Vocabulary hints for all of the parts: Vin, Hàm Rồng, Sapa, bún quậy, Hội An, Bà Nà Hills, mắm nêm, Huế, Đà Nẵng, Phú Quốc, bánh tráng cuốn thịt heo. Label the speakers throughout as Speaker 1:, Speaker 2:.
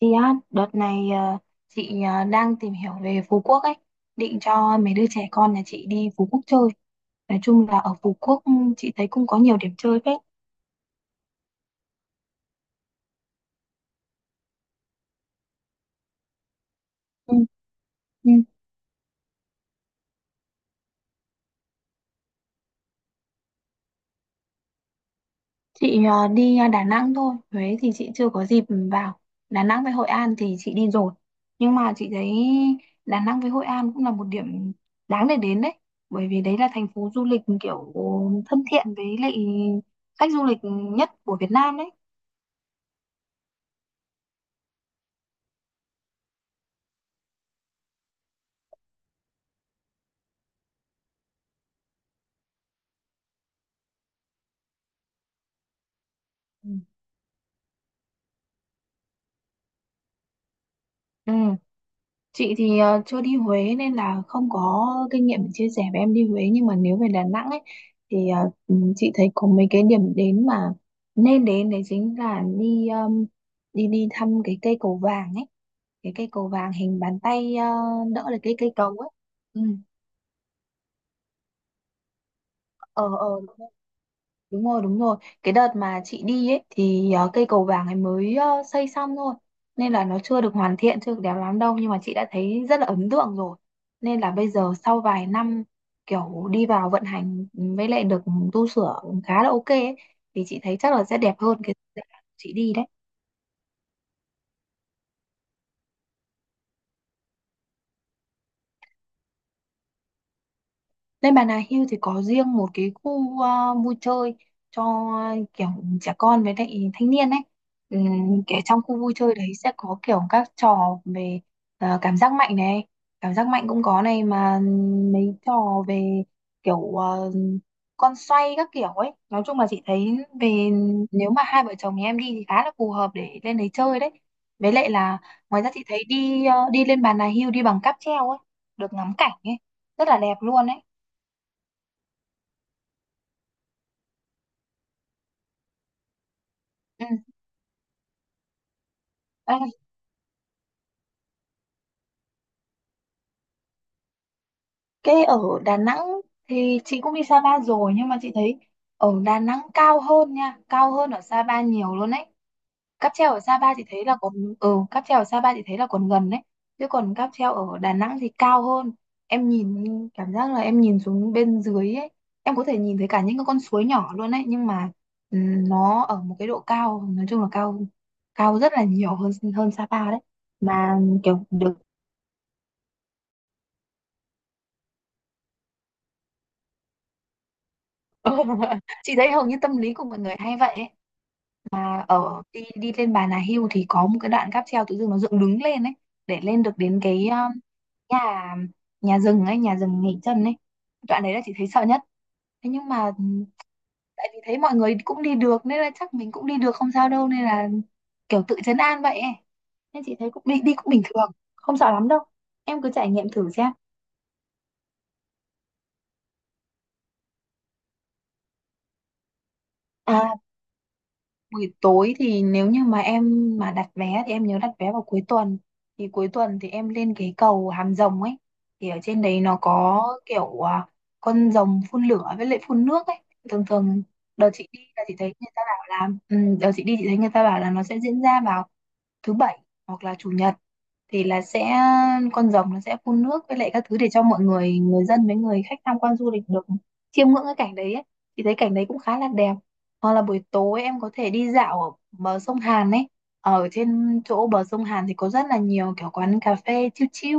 Speaker 1: Chị á, đợt này chị đang tìm hiểu về Phú Quốc ấy, định cho mấy đứa trẻ con nhà chị đi Phú Quốc chơi. Nói chung là ở Phú Quốc, chị thấy cũng có nhiều điểm chơi phết. Ừ, ừ. Chị đi Đà Nẵng thôi, Huế thì chị chưa có dịp vào. Đà Nẵng với Hội An thì chị đi rồi. Nhưng mà chị thấy Đà Nẵng với Hội An cũng là một điểm đáng để đến đấy. Bởi vì đấy là thành phố du lịch kiểu thân thiện với lại khách du lịch nhất của Việt Nam đấy. Ừ. Ừ. Chị thì chưa đi Huế nên là không có kinh nghiệm để chia sẻ với em đi Huế, nhưng mà nếu về Đà Nẵng ấy thì chị thấy có mấy cái điểm đến mà nên đến đấy, chính là đi đi đi thăm cái cây cầu vàng ấy, cái cây cầu vàng hình bàn tay, đỡ là cái cây cầu ấy. Ừ. Ờ, ờ. Đúng rồi, đúng rồi. Cái đợt mà chị đi ấy thì cây cầu vàng ấy mới xây xong thôi. Nên là nó chưa được hoàn thiện, chưa được đẹp lắm đâu. Nhưng mà chị đã thấy rất là ấn tượng rồi. Nên là bây giờ sau vài năm kiểu đi vào vận hành với lại được tu sửa khá là ok ấy, thì chị thấy chắc là sẽ đẹp hơn cái dự án chị đi đấy. Lên Bà Nà Hills thì có riêng một cái khu vui chơi cho, kiểu trẻ con với lại thanh niên ấy. Kiểu trong khu vui chơi đấy sẽ có kiểu các trò về cảm giác mạnh này, cảm giác mạnh cũng có này, mà mấy trò về kiểu con xoay các kiểu ấy. Nói chung là chị thấy về, nếu mà hai vợ chồng nhà em đi thì khá là phù hợp để lên đấy chơi đấy. Với lại là ngoài ra chị thấy đi lên Bà Nà Hills đi bằng cáp treo ấy, được ngắm cảnh ấy, rất là đẹp luôn ấy. Ừ. À, cái ở Đà Nẵng thì chị cũng đi Sapa rồi, nhưng mà chị thấy ở Đà Nẵng cao hơn nha, cao hơn ở Sapa nhiều luôn đấy. Cáp treo ở Sapa chị thấy là còn, cáp treo ở Sapa chị thấy là còn gần đấy. Chứ còn cáp treo ở Đà Nẵng thì cao hơn. Em nhìn Cảm giác là em nhìn xuống bên dưới ấy, em có thể nhìn thấy cả những cái con suối nhỏ luôn đấy, nhưng mà ừ, nó ở một cái độ cao, nói chung là cao, cao rất là nhiều hơn hơn Sapa đấy. Mà kiểu. Ừ. Chị thấy hầu như tâm lý của mọi người hay vậy ấy. Mà đi đi lên Bà Nà Hills thì có một cái đoạn cáp treo tự dưng nó dựng đứng lên ấy để lên được đến cái, nhà nhà rừng ấy, nhà rừng nghỉ chân ấy. Đoạn đấy là chị thấy sợ nhất. Thế nhưng mà, tại vì thấy mọi người cũng đi được nên là chắc mình cũng đi được không sao đâu, nên là kiểu tự trấn an vậy ấy. Nên chị thấy cũng đi đi cũng bình thường, không sợ lắm đâu. Em cứ trải nghiệm thử xem. À, buổi tối thì nếu như mà em mà đặt vé thì em nhớ đặt vé vào cuối tuần, thì cuối tuần thì em lên cái cầu Hàm Rồng ấy, thì ở trên đấy nó có kiểu, con rồng phun lửa với lại phun nước ấy. Thường thường đợt chị đi là chị thấy người ta bảo là, đợt chị đi chị thấy người ta bảo là nó sẽ diễn ra vào thứ bảy hoặc là chủ nhật, thì là sẽ, con rồng nó sẽ phun nước với lại các thứ để cho mọi người người dân với người khách tham quan du lịch được chiêm ngưỡng cái cảnh đấy ấy. Thì thấy cảnh đấy cũng khá là đẹp, hoặc là buổi tối em có thể đi dạo ở bờ sông Hàn ấy. Ở trên chỗ bờ sông Hàn thì có rất là nhiều kiểu quán cà phê chill chill.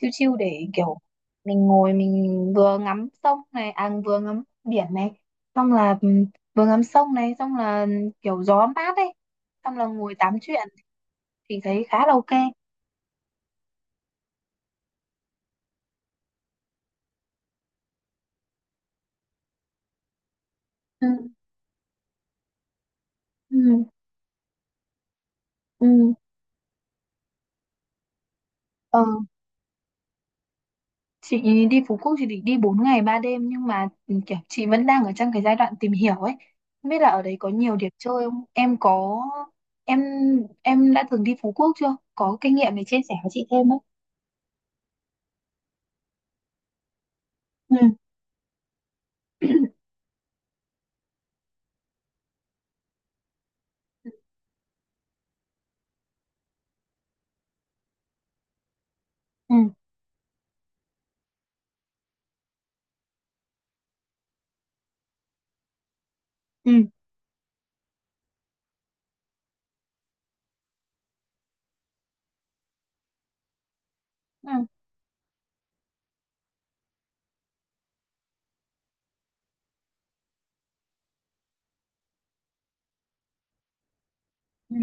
Speaker 1: Chill chill để kiểu mình ngồi mình vừa ngắm sông này, à vừa ngắm biển này. Xong là, vừa ngắm sông này, xong là, kiểu gió mát ấy. Xong là ngồi tám chuyện thì thấy khá là ok. Ừ, ừ, ừ. Ừ, ờ. Chị đi Phú Quốc chị định đi 4 ngày 3 đêm, nhưng mà kiểu chị vẫn đang ở trong cái giai đoạn tìm hiểu ấy. Không biết là ở đấy có nhiều điểm chơi không? Em có em em đã từng đi Phú Quốc chưa? Có kinh nghiệm để chia sẻ với chị thêm không? Ừ, ừ, ừ, ừ, ừ,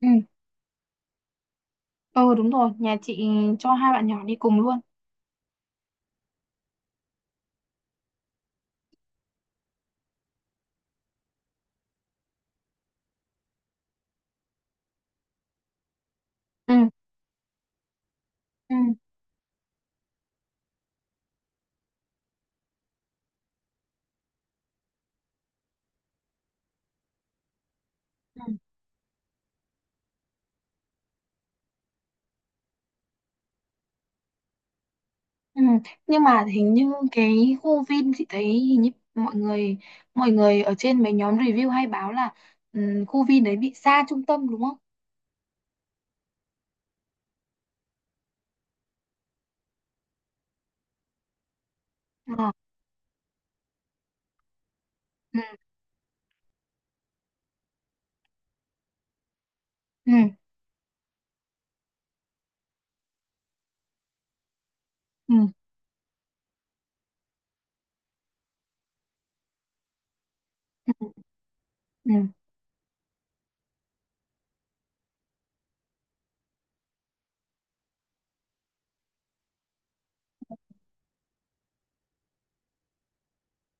Speaker 1: ừ. Ừ, đúng rồi, nhà chị cho hai bạn nhỏ đi cùng luôn. Ừ, ừ, ừ. Ừ. Nhưng mà hình như cái khu Vin chị thấy, hình như mọi người ở trên mấy nhóm review hay báo là, khu Vin đấy bị xa trung tâm đúng không? Ờ. Ừ, ừ, ừ, ừ, ừ,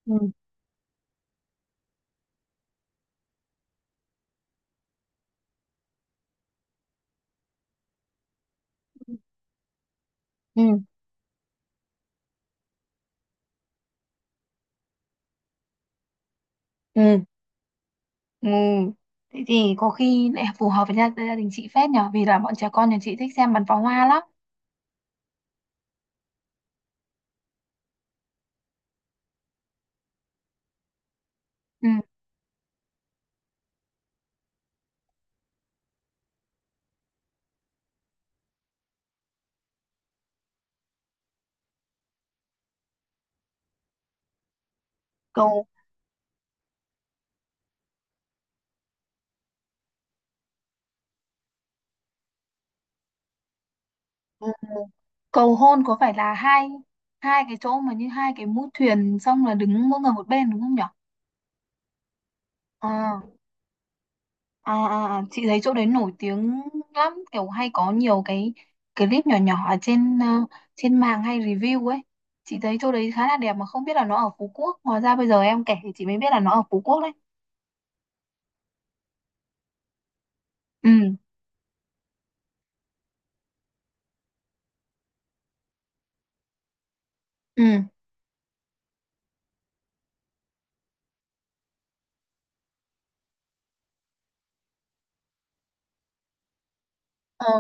Speaker 1: ừ, ừ, ừ, ừ. Thế thì có khi lại phù hợp với gia đình chị phết nhở, vì là bọn trẻ con nhà chị thích xem bắn pháo hoa lắm. Ừ. cầu ừ. Cầu hôn có phải là hai hai cái chỗ mà như hai cái mũi thuyền, xong là đứng mỗi người một bên đúng không nhở? Ờ. À, à, à, chị thấy chỗ đấy nổi tiếng lắm, kiểu hay có nhiều cái clip nhỏ nhỏ ở trên, trên mạng hay review ấy, chị thấy chỗ đấy khá là đẹp mà không biết là nó ở Phú Quốc, hóa ra bây giờ em kể thì chị mới biết là nó ở Phú Quốc đấy. Ừ. Ừ. Ờ.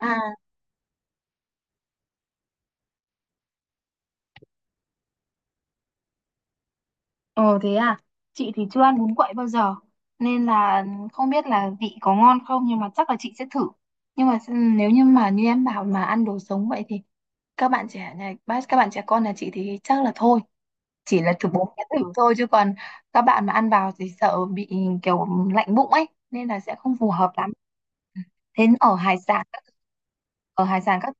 Speaker 1: À. Ờ. Thế à? Chị thì chưa ăn bún quậy bao giờ nên là không biết là vị có ngon không, nhưng mà chắc là chị sẽ thử, nhưng mà nếu như mà như em bảo mà ăn đồ sống vậy thì, các bạn trẻ nhà các bạn trẻ con nhà chị thì chắc là thôi, chỉ là chụp bốn cái thử thôi, chứ còn các bạn mà ăn vào thì sợ bị kiểu lạnh bụng ấy, nên là sẽ không phù hợp lắm. Thế ở hải sản các- ở hải sản các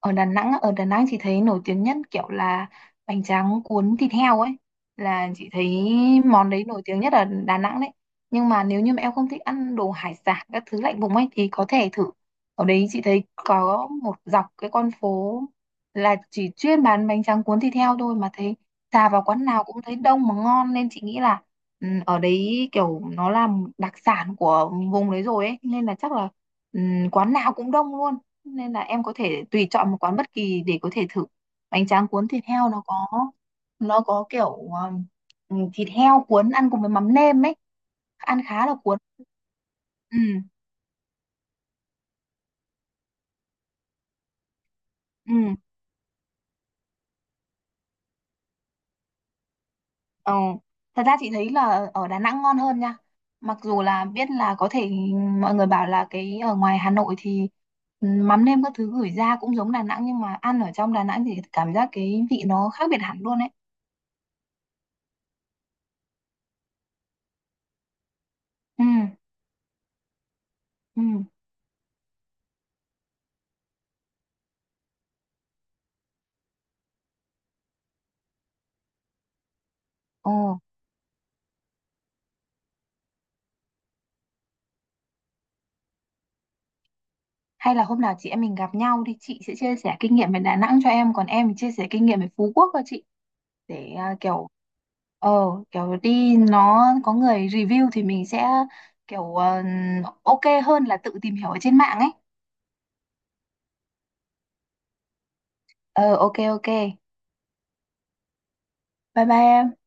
Speaker 1: ở Đà Nẵng á, ở Đà Nẵng chị thấy nổi tiếng nhất kiểu là bánh tráng cuốn thịt heo ấy, là chị thấy món đấy nổi tiếng nhất ở Đà Nẵng đấy. Nhưng mà nếu như mà em không thích ăn đồ hải sản các thứ lạnh vùng ấy thì có thể thử, ở đấy chị thấy có một dọc cái con phố là chỉ chuyên bán bánh tráng cuốn thịt heo thôi, mà thấy xà vào quán nào cũng thấy đông mà ngon, nên chị nghĩ là, ở đấy kiểu nó là đặc sản của vùng đấy rồi ấy, nên là chắc là, ừ, quán nào cũng đông luôn, nên là em có thể tùy chọn một quán bất kỳ để có thể thử. Bánh tráng cuốn thịt heo nó có kiểu, thịt heo cuốn ăn cùng với mắm nêm ấy, ăn khá là cuốn. Ừ. Ừ. Ờ. Thật ra chị thấy là ở Đà Nẵng ngon hơn nha, mặc dù là biết là có thể mọi người bảo là cái ở ngoài Hà Nội thì, mắm nêm các thứ gửi ra cũng giống Đà Nẵng, nhưng mà ăn ở trong Đà Nẵng thì cảm giác cái vị nó khác biệt hẳn luôn ấy. Ừ. Ừ. Ồ. Hay là hôm nào chị em mình gặp nhau thì chị sẽ chia sẻ kinh nghiệm về Đà Nẵng cho em, còn em thì chia sẻ kinh nghiệm về Phú Quốc cho chị, để kiểu, ờ kiểu nó có người review thì mình sẽ kiểu, ok hơn là tự tìm hiểu ở trên mạng ấy. Ờ, ok, ok. Bye bye em.